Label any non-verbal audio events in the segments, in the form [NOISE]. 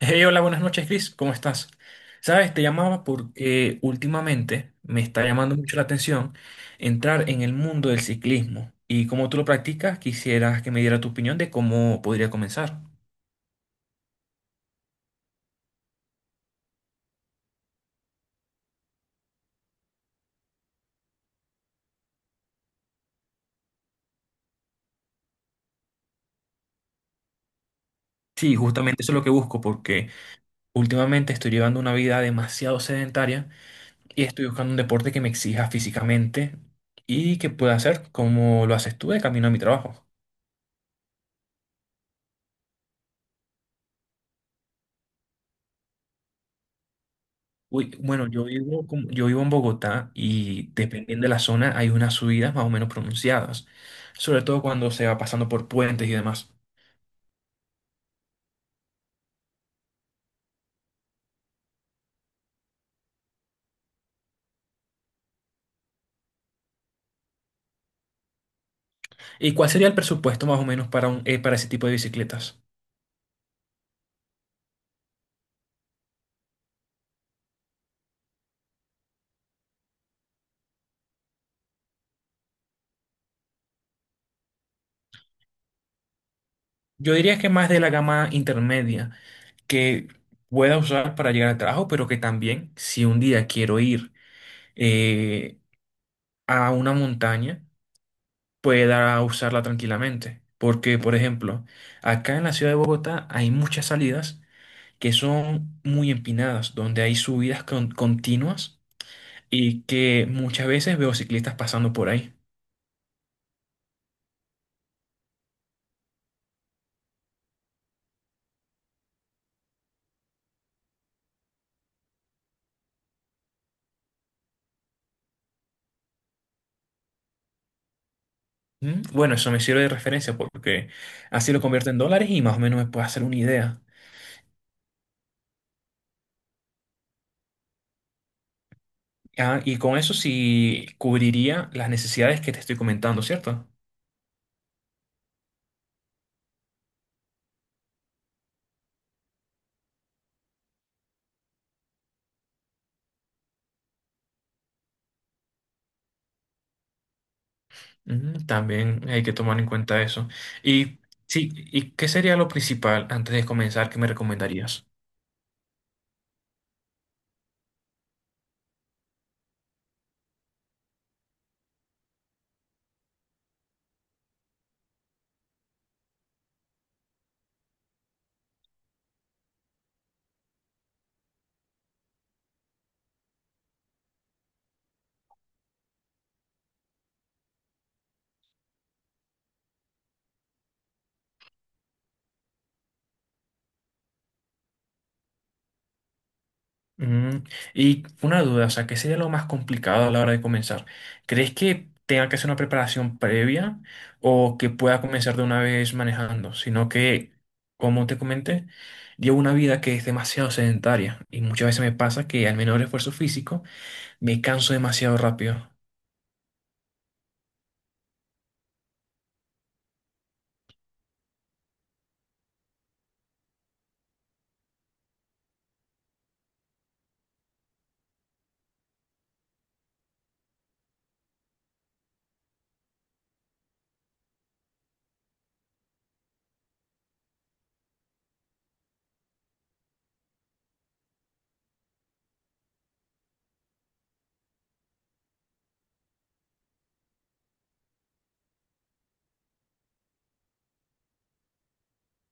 Hey, hola, buenas noches, Chris. ¿Cómo estás? Sabes, te llamaba porque últimamente me está llamando mucho la atención entrar en el mundo del ciclismo. Y como tú lo practicas, quisieras que me diera tu opinión de cómo podría comenzar. Sí, justamente eso es lo que busco porque últimamente estoy llevando una vida demasiado sedentaria y estoy buscando un deporte que me exija físicamente y que pueda hacer como lo haces tú de camino a mi trabajo. Uy, bueno, yo vivo, yo vivo en Bogotá, y dependiendo de la zona hay unas subidas más o menos pronunciadas, sobre todo cuando se va pasando por puentes y demás. ¿Y cuál sería el presupuesto más o menos para, un, para ese tipo de bicicletas? Yo diría que más de la gama intermedia, que pueda usar para llegar al trabajo, pero que también si un día quiero ir eh, a una montaña, pueda usarla tranquilamente. Porque, por ejemplo, acá en la ciudad de Bogotá hay muchas salidas que son muy empinadas, donde hay continuas, y que muchas veces veo ciclistas pasando por ahí. ¿Mm? Bueno, eso me sirve de referencia porque así lo convierto en dólares y más o menos me puedo hacer una idea. Ah, y con eso sí cubriría las necesidades que te estoy comentando, ¿cierto? Ujú. También hay que tomar en cuenta eso. Y sí, ¿y qué sería lo principal antes de comenzar que me recomendarías? Mm, y una duda, o sea, ¿qué sería lo más complicado a la hora de comenzar? ¿Crees que tenga que hacer una preparación previa o que pueda comenzar de una vez manejando? Sino que, como te comenté, llevo una vida que es demasiado sedentaria, y muchas veces me pasa que al menor esfuerzo físico me canso demasiado rápido.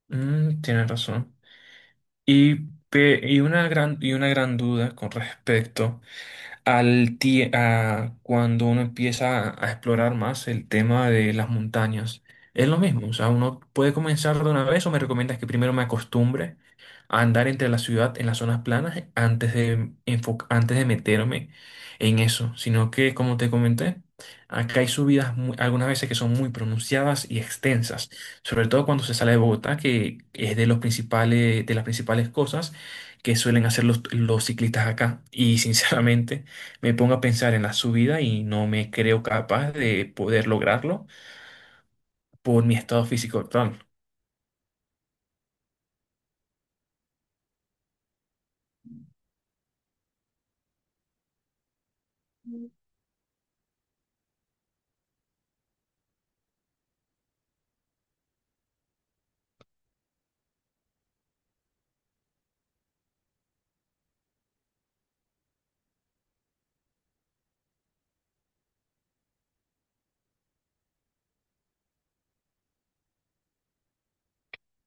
Mm, tienes razón. Y, una gran, una gran duda con respecto a cuando uno empieza a explorar más el tema de las montañas. Es lo mismo, o sea, ¿uno puede comenzar de una vez o me recomiendas que primero me acostumbre a andar entre la ciudad en las zonas planas antes de meterme en eso? Sino que como te comenté, acá hay algunas veces que son muy pronunciadas y extensas, sobre todo cuando se sale de Bogotá, que es de los principales de las principales cosas que suelen hacer los ciclistas acá. Y sinceramente, me pongo a pensar en la subida y no me creo capaz de poder lograrlo por mi estado físico actual.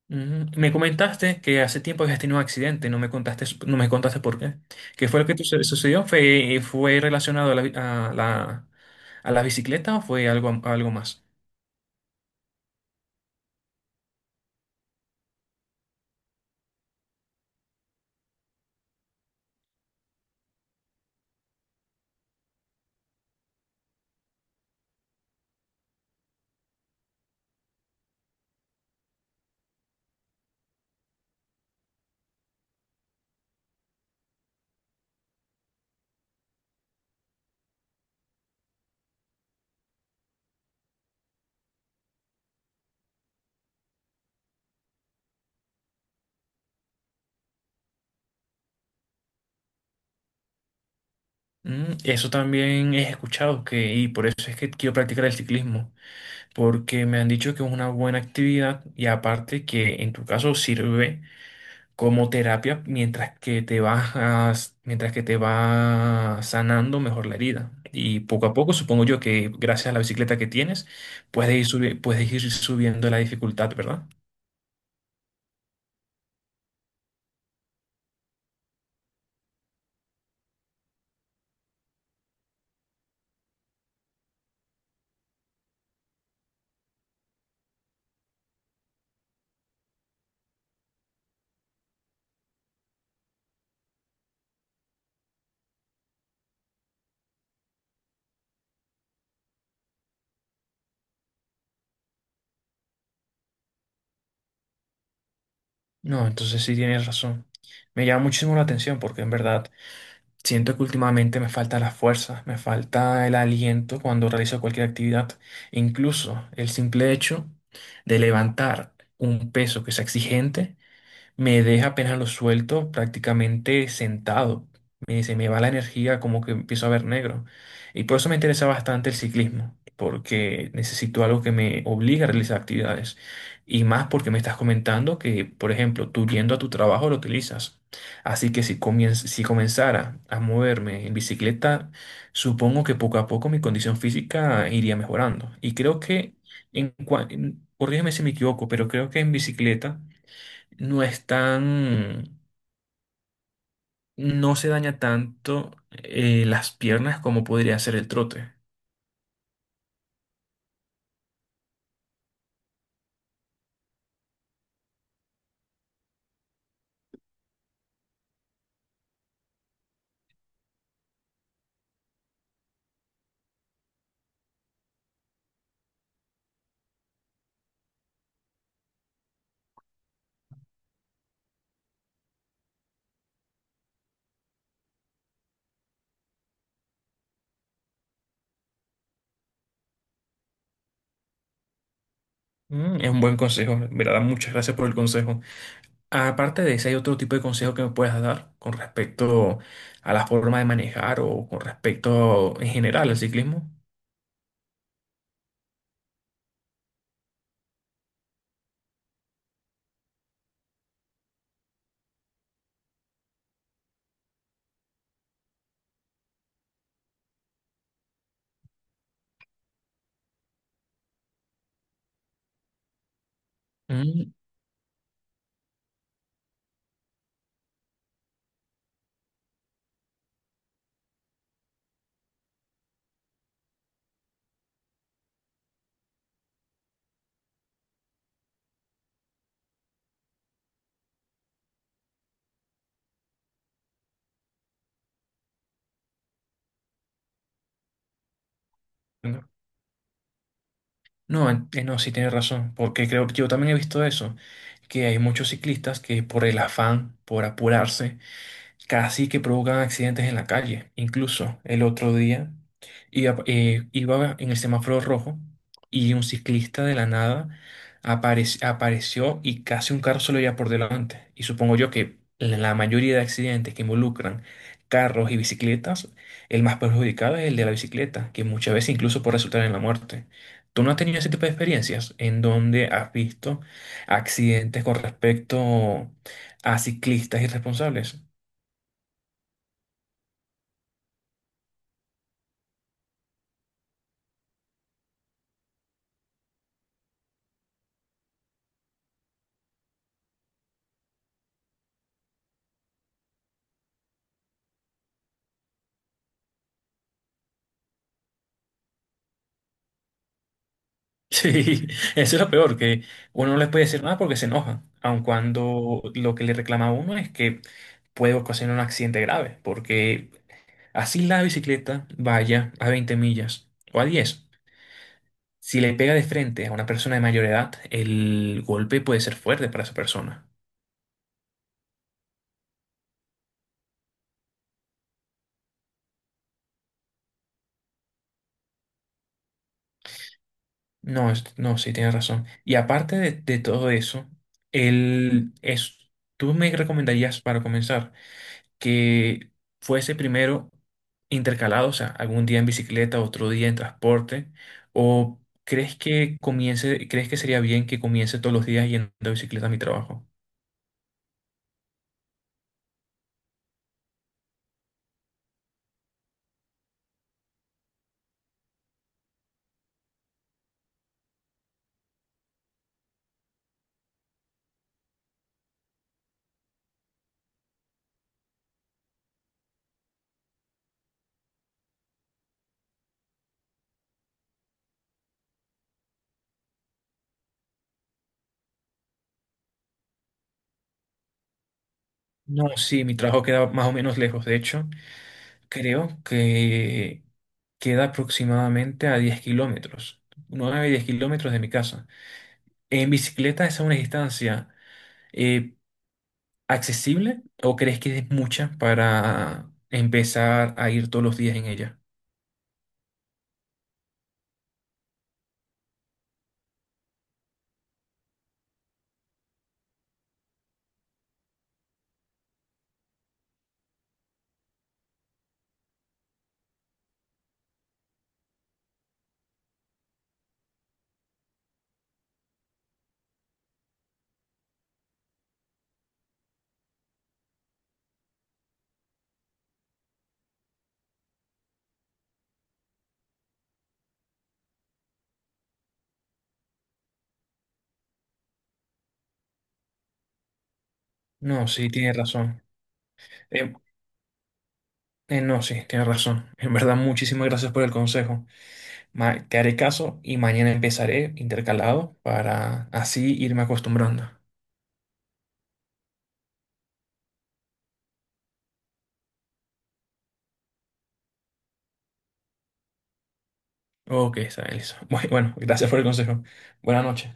Ujú. Me comentaste que hace tiempo habías tenido un accidente, no me contaste por qué. ¿Qué fue lo que sucedió? Fue relacionado a a la bicicleta o fue algo, algo más? Mm, eso también he escuchado que, y por eso es que quiero practicar el ciclismo, porque me han dicho que es una buena actividad, y aparte que en tu caso sirve como terapia mientras que mientras que te va sanando mejor la herida. Y poco a poco, supongo yo que gracias a la bicicleta que tienes, puedes ir subiendo la dificultad, ¿verdad? No, entonces sí tienes razón. Me llama muchísimo la atención porque en verdad siento que últimamente me falta la fuerza, me falta el aliento cuando realizo cualquier actividad. Incluso el simple hecho de levantar un peso que sea exigente me deja, apenas lo suelto, prácticamente sentado. Se me va la energía, como que empiezo a ver negro. Y por eso me interesa bastante el ciclismo, porque necesito algo que me obligue a realizar actividades. Y más porque me estás comentando que, por ejemplo, tú yendo a tu trabajo lo utilizas. Así que si si comenzara a moverme en bicicleta, supongo que poco a poco mi condición física iría mejorando. Y creo que, corrígeme si me equivoco, pero creo que en bicicleta no es tan, no se daña tanto las piernas como podría ser el trote. Mm, es un buen consejo, en verdad, muchas gracias por el consejo. Aparte de ese, ¿hay otro tipo de consejo que me puedas dar con respecto a la forma de manejar o con respecto en general al ciclismo? Mm. No, no, sí tienes razón, porque creo que yo también he visto eso, que hay muchos ciclistas que por el afán, por apurarse, casi que provocan accidentes en la calle. Incluso el otro día iba en el semáforo rojo y un ciclista de la nada apareció, y casi un carro se lo lleva por delante. Y supongo yo que en la mayoría de accidentes que involucran carros y bicicletas, el más perjudicado es el de la bicicleta, que muchas veces incluso puede resultar en la muerte. ¿Tú no has tenido ese tipo de experiencias en donde has visto accidentes con respecto a ciclistas irresponsables? [LAUGHS] Sí, eso es lo peor, que uno no les puede decir nada porque se enojan, aun cuando lo que le reclama a uno es que puede ocasionar un accidente grave, porque así la bicicleta vaya a 20 millas o a 10, si le pega de frente a una persona de mayor edad, el golpe puede ser fuerte para esa persona. No, sí, tienes razón. Y aparte de todo eso, el, es, ¿tú me recomendarías para comenzar que fuese primero intercalado, o sea, algún día en bicicleta, otro día en transporte, o crees que comience, crees que sería bien que comience todos los días yendo de bicicleta a mi trabajo? No, sí, mi trabajo queda más o menos lejos. De hecho, creo que queda aproximadamente a 10 kilómetros, 9 10 kilómetros de mi casa. ¿En bicicleta esa es una distancia eh, accesible, o crees que es mucha para empezar a ir todos los días en ella? No, sí, tiene razón. Eh, no, sí, tiene razón. En verdad, muchísimas gracias por el consejo. Te haré caso y mañana empezaré intercalado para así irme acostumbrando. Ok, está bien, listo. [LAUGHS] Bueno, gracias por el consejo. Buenas noches.